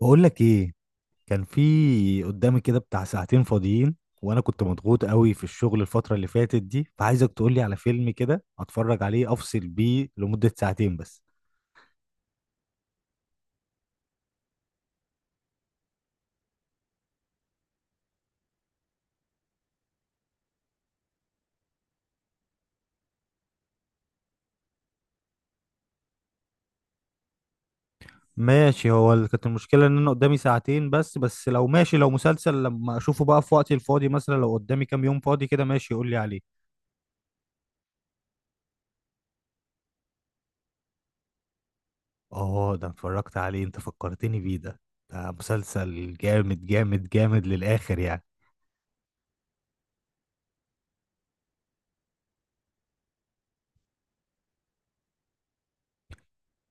بقول لك ايه. كان في قدامي كده بتاع ساعتين فاضيين، وانا كنت مضغوط قوي في الشغل الفترة اللي فاتت دي، فعايزك تقول لي على فيلم كده اتفرج عليه افصل بيه لمدة ساعتين بس. ماشي، هو كانت المشكلة ان انا قدامي ساعتين بس لو ماشي، لو مسلسل لما اشوفه بقى في وقتي الفاضي مثلا، لو قدامي كام يوم فاضي كده ماشي، قول لي عليه. اه، ده اتفرجت عليه، انت فكرتني بيه ده. ده مسلسل جامد جامد جامد للآخر يعني.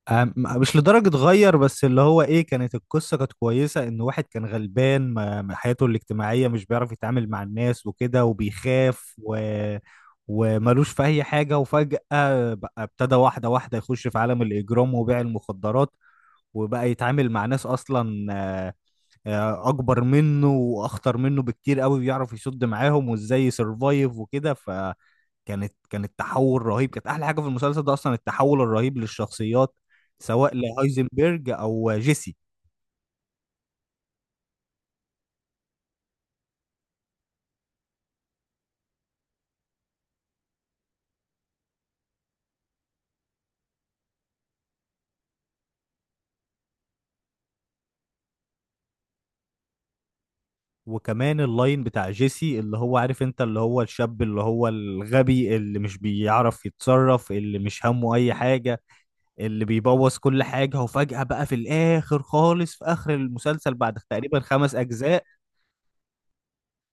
مش لدرجة غير، بس اللي هو ايه، القصة كانت كويسة، ان واحد كان غلبان، ما حياته الاجتماعية مش بيعرف يتعامل مع الناس وكده، وبيخاف وملوش في اي حاجة. وفجأة بقى ابتدى واحدة واحدة يخش في عالم الاجرام وبيع المخدرات، وبقى يتعامل مع ناس اصلا اكبر منه واخطر منه بكتير قوي، بيعرف يصد معاهم وازاي يسرفايف وكده. كانت تحول رهيب، كانت احلى حاجه في المسلسل ده اصلا التحول الرهيب للشخصيات، سواء لهايزنبرج او جيسي. وكمان اللاين بتاع جيسي، اللي هو عارف انت، اللي هو الشاب اللي هو الغبي، اللي مش بيعرف يتصرف، اللي مش همه اي حاجه، اللي بيبوظ كل حاجه. وفجاه بقى في الاخر خالص، في اخر المسلسل، بعد تقريبا خمس اجزاء،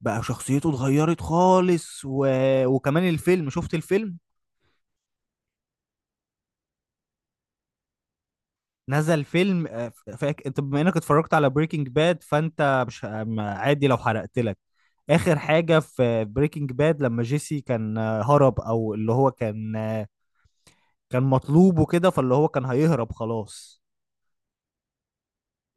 بقى شخصيته اتغيرت خالص وكمان الفيلم، شفت الفيلم؟ نزل فيلم. انت بما انك اتفرجت على بريكنج باد، فانت مش عادي لو حرقت لك اخر حاجة في بريكنج باد. لما جيسي كان هرب، او اللي هو كان كان مطلوب وكده، فاللي هو كان هيهرب خلاص.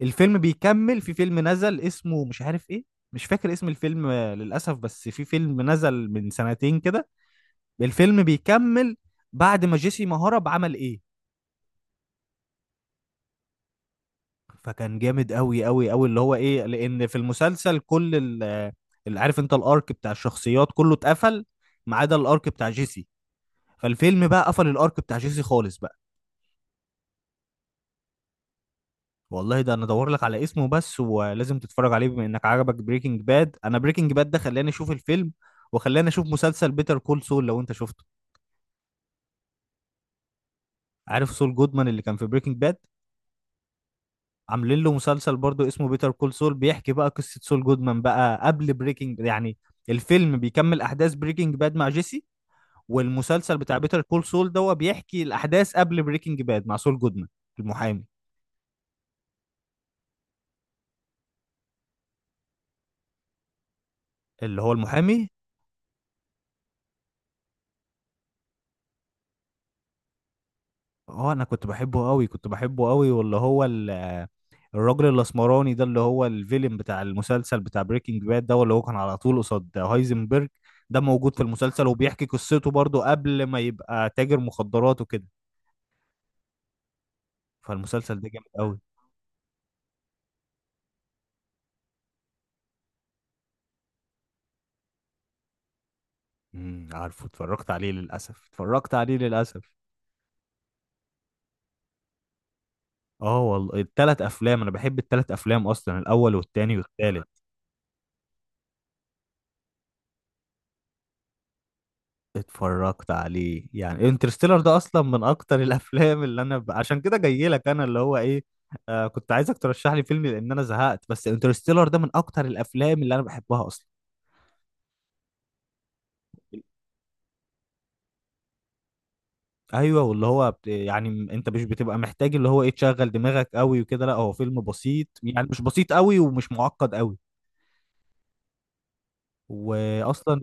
الفيلم بيكمل، في فيلم نزل اسمه مش عارف ايه، مش فاكر اسم الفيلم للأسف، بس في فيلم نزل من سنتين كده، الفيلم بيكمل بعد ما جيسي ما هرب عمل ايه. فكان جامد قوي قوي قوي، اللي هو ايه، لان في المسلسل كل اللي عارف انت، الارك بتاع الشخصيات كله اتقفل ما عدا الارك بتاع جيسي، فالفيلم بقى قفل الارك بتاع جيسي خالص بقى. والله ده انا ادور لك على اسمه بس، ولازم تتفرج عليه بما انك عجبك بريكنج باد. انا بريكنج باد ده خلاني اشوف الفيلم، وخلاني اشوف مسلسل بيتر كول سول، لو انت شفته. عارف سول جودمان اللي كان في بريكنج باد؟ عاملين له مسلسل برضو اسمه بيتر كول سول، بيحكي بقى قصة سول جودمان بقى قبل بريكنج يعني. الفيلم بيكمل احداث بريكنج باد مع جيسي، والمسلسل بتاع بيتر كول سول ده هو بيحكي الاحداث قبل بريكنج باد مع سول جودمان. المحامي. اللي هو المحامي. اه، انا كنت بحبه قوي، كنت بحبه قوي، واللي هو الراجل الاسمراني ده، اللي هو الفيلم بتاع المسلسل بتاع بريكنج باد ده، اللي هو كان على طول قصاد هايزنبرج، ده موجود في المسلسل وبيحكي قصته برضه قبل ما يبقى تاجر مخدرات وكده. فالمسلسل ده جامد قوي. عارفه، اتفرجت عليه للاسف، اتفرجت عليه للاسف. اه والله، التلات افلام انا بحب التلات افلام اصلا، الاول والتاني والتالت. اتفرجت عليه يعني، انترستيلر ده اصلا من اكتر الافلام اللي انا عشان كده جاي لك انا، اللي هو ايه، كنت عايزك ترشح لي فيلم لان انا زهقت، بس انترستيلر ده من اكتر الافلام اللي انا بحبها اصلا. ايوه، واللي هو يعني انت مش بتبقى محتاج اللي هو ايه تشغل دماغك قوي وكده، لا هو فيلم بسيط يعني، مش بسيط قوي ومش معقد قوي. واصلا،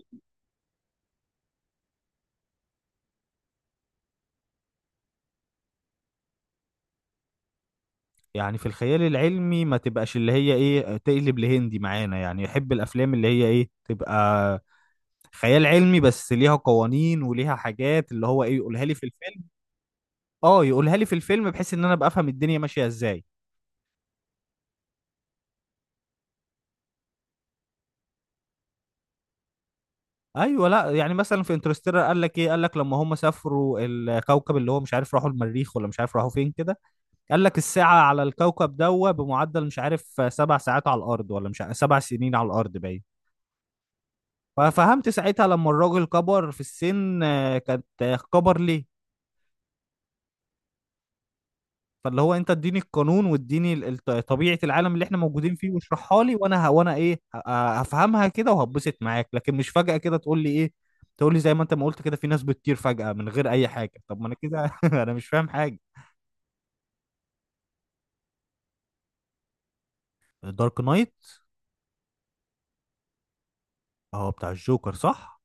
يعني في الخيال العلمي ما تبقاش اللي هي ايه تقلب لهندي معانا يعني، يحب الافلام اللي هي ايه تبقى خيال علمي بس ليها قوانين وليها حاجات، اللي هو ايه، يقولها لي في الفيلم. اه يقولها لي في الفيلم بحيث ان انا ابقى افهم الدنيا ماشيه ازاي. ايوه، لا يعني مثلا في انترستيلر، قال لك ايه، قال لك لما هم سافروا الكوكب، اللي هو مش عارف راحوا المريخ ولا مش عارف راحوا فين كده، قال لك الساعه على الكوكب دوا بمعدل مش عارف سبع ساعات على الارض ولا مش عارف سبع سنين على الارض، باين. ففهمت ساعتها لما الراجل كبر في السن آه، كانت آه، كبر ليه. فاللي هو، انت اديني القانون واديني طبيعة العالم اللي احنا موجودين فيه، واشرحها لي وانا وانا ايه هفهمها كده وهتبسط معاك. لكن مش فجأة كده تقول لي ايه، تقول لي زي ما انت ما قلت كده في ناس بتطير فجأة من غير اي حاجة، طب ما انا كده انا مش فاهم حاجة. دارك نايت. اه، بتاع الجوكر، صح.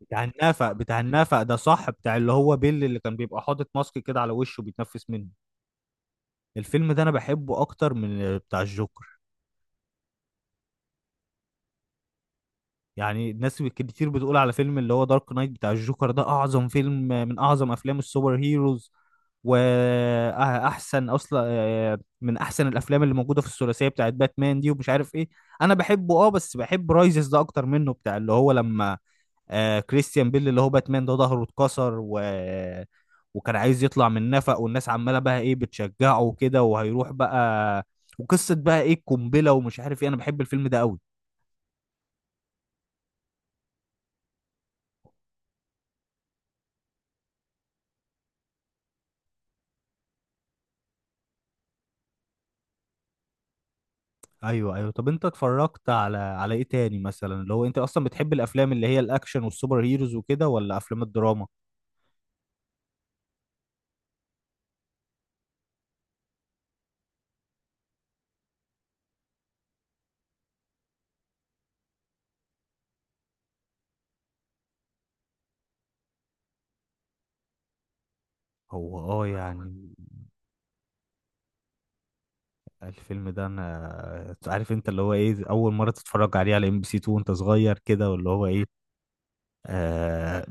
بتاع النفق ده صح، بتاع اللي هو بيل، اللي كان بيبقى حاطط ماسك كده على وشه بيتنفس منه. الفيلم ده انا بحبه اكتر من بتاع الجوكر. يعني الناس كتير بتقول على فيلم اللي هو دارك نايت بتاع الجوكر، ده اعظم فيلم، من اعظم افلام السوبر هيروز، واحسن اصلا من احسن الافلام اللي موجوده في الثلاثيه بتاعت باتمان دي، ومش عارف ايه. انا بحبه اه، بس بحب رايزز ده اكتر منه، بتاع اللي هو لما كريستيان بيل اللي هو باتمان ده ظهره اتكسر، و وكان عايز يطلع من نفق، والناس عماله بقى ايه بتشجعه وكده وهيروح بقى. وقصه بقى ايه القنبله ومش عارف ايه، انا بحب الفيلم ده قوي. ايوه ايوه، طب انت اتفرجت على ايه تاني مثلا؟ اللي هو انت اصلا بتحب الافلام اللي هي الاكشن والسوبر هيروز وكده، ولا افلام الدراما؟ هو اه يعني، الفيلم ده انا عارف انت اللي هو ايه، اول مره تتفرج عليه على ام بي سي 2 وانت صغير كده، واللي هو ايه آه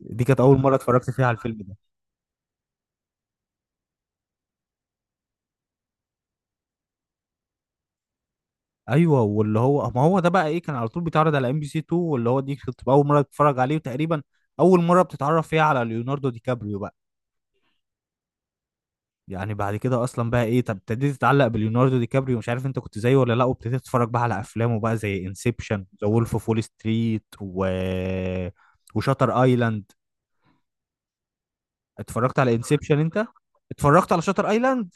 دي كانت اول مره اتفرجت فيها على الفيلم ده. ايوه واللي هو، ما هو ده بقى ايه، كان على طول بيتعرض على ام بي سي 2، واللي هو دي كانت اول مره تتفرج عليه، وتقريبا اول مره بتتعرف فيها على ليوناردو دي كابريو بقى. يعني بعد كده اصلا بقى ايه، طب ابتديت تتعلق بليوناردو دي كابريو، مش عارف انت كنت زيه ولا لا، وابتديت تتفرج بقى على افلامه بقى زي انسبشن، ذا وولف اوف وول ستريت، و وشاتر ايلاند. اتفرجت على انسبشن انت؟ اتفرجت على شاتر ايلاند؟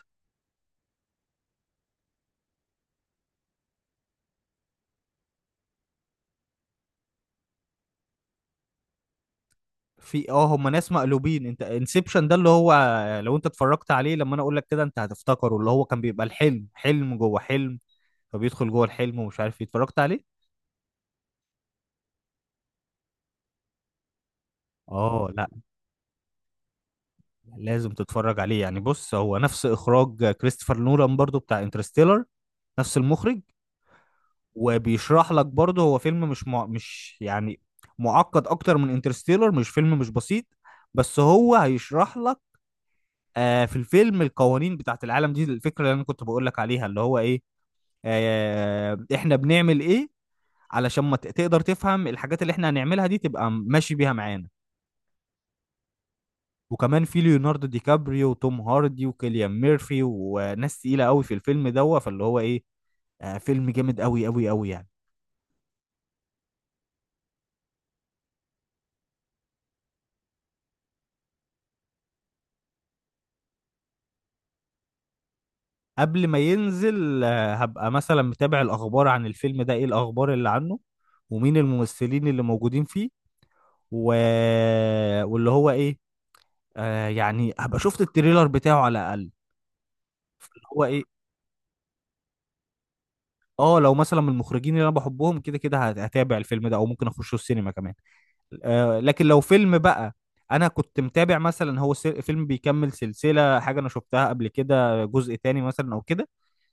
في اه، هم ناس مقلوبين. انت انسبشن ده، اللي هو لو انت اتفرجت عليه لما انا اقول لك كده انت هتفتكره، اللي هو كان بيبقى الحلم حلم جوه حلم، فبيدخل جوه الحلم ومش عارف ايه. اتفرجت عليه؟ اه لا، لازم تتفرج عليه يعني. بص، هو نفس اخراج كريستوفر نولان برضو، بتاع انترستيلر، نفس المخرج. وبيشرح لك برضه، هو فيلم مش مش يعني معقد اكتر من انترستيلر، مش فيلم مش بسيط، بس هو هيشرح لك في الفيلم القوانين بتاعت العالم دي، الفكرة اللي انا كنت بقول لك عليها، اللي هو ايه، احنا بنعمل ايه، علشان ما تقدر تفهم الحاجات اللي احنا هنعملها دي تبقى ماشي بيها معانا. وكمان في ليوناردو دي كابريو وتوم هاردي وكيليان ميرفي وناس تقيلة قوي في الفيلم دوت، فاللي هو ايه، فيلم جامد قوي قوي قوي يعني. قبل ما ينزل، هبقى مثلا متابع الأخبار عن الفيلم ده، إيه الأخبار اللي عنه، ومين الممثلين اللي موجودين فيه، و... واللي هو إيه، يعني هبقى شفت التريلر بتاعه على الأقل، اللي هو إيه. اه، لو مثلا من المخرجين اللي انا بحبهم كده كده هتابع الفيلم ده، او ممكن اخشه السينما كمان. لكن لو فيلم بقى انا كنت متابع مثلا، هو فيلم بيكمل سلسلة حاجة انا شفتها قبل كده، جزء تاني مثلا او كده،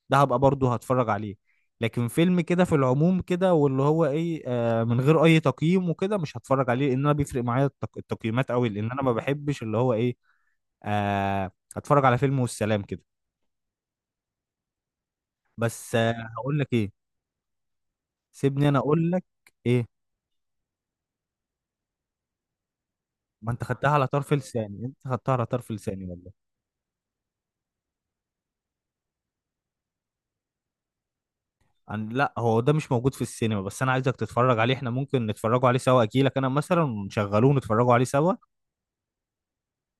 ده هبقى برضه هتفرج عليه. لكن فيلم كده في العموم كده، واللي هو ايه من غير اي تقييم وكده، مش هتفرج عليه، لان انا بيفرق معايا التقييمات قوي، لان انا ما بحبش اللي هو ايه هتفرج على فيلم والسلام كده. بس هقول لك ايه، سيبني انا اقول لك ايه. ما انت خدتها على طرف لساني، انت خدتها على طرف لساني والله. لا هو ده مش موجود في السينما، بس انا عايزك تتفرج عليه. احنا ممكن نتفرجوا عليه سوا، اجيلك انا مثلا ونشغلوه ونتفرجوا عليه سوا.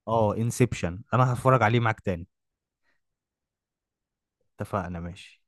اه، انسبشن انا هتفرج عليه معاك تاني. اتفقنا ماشي.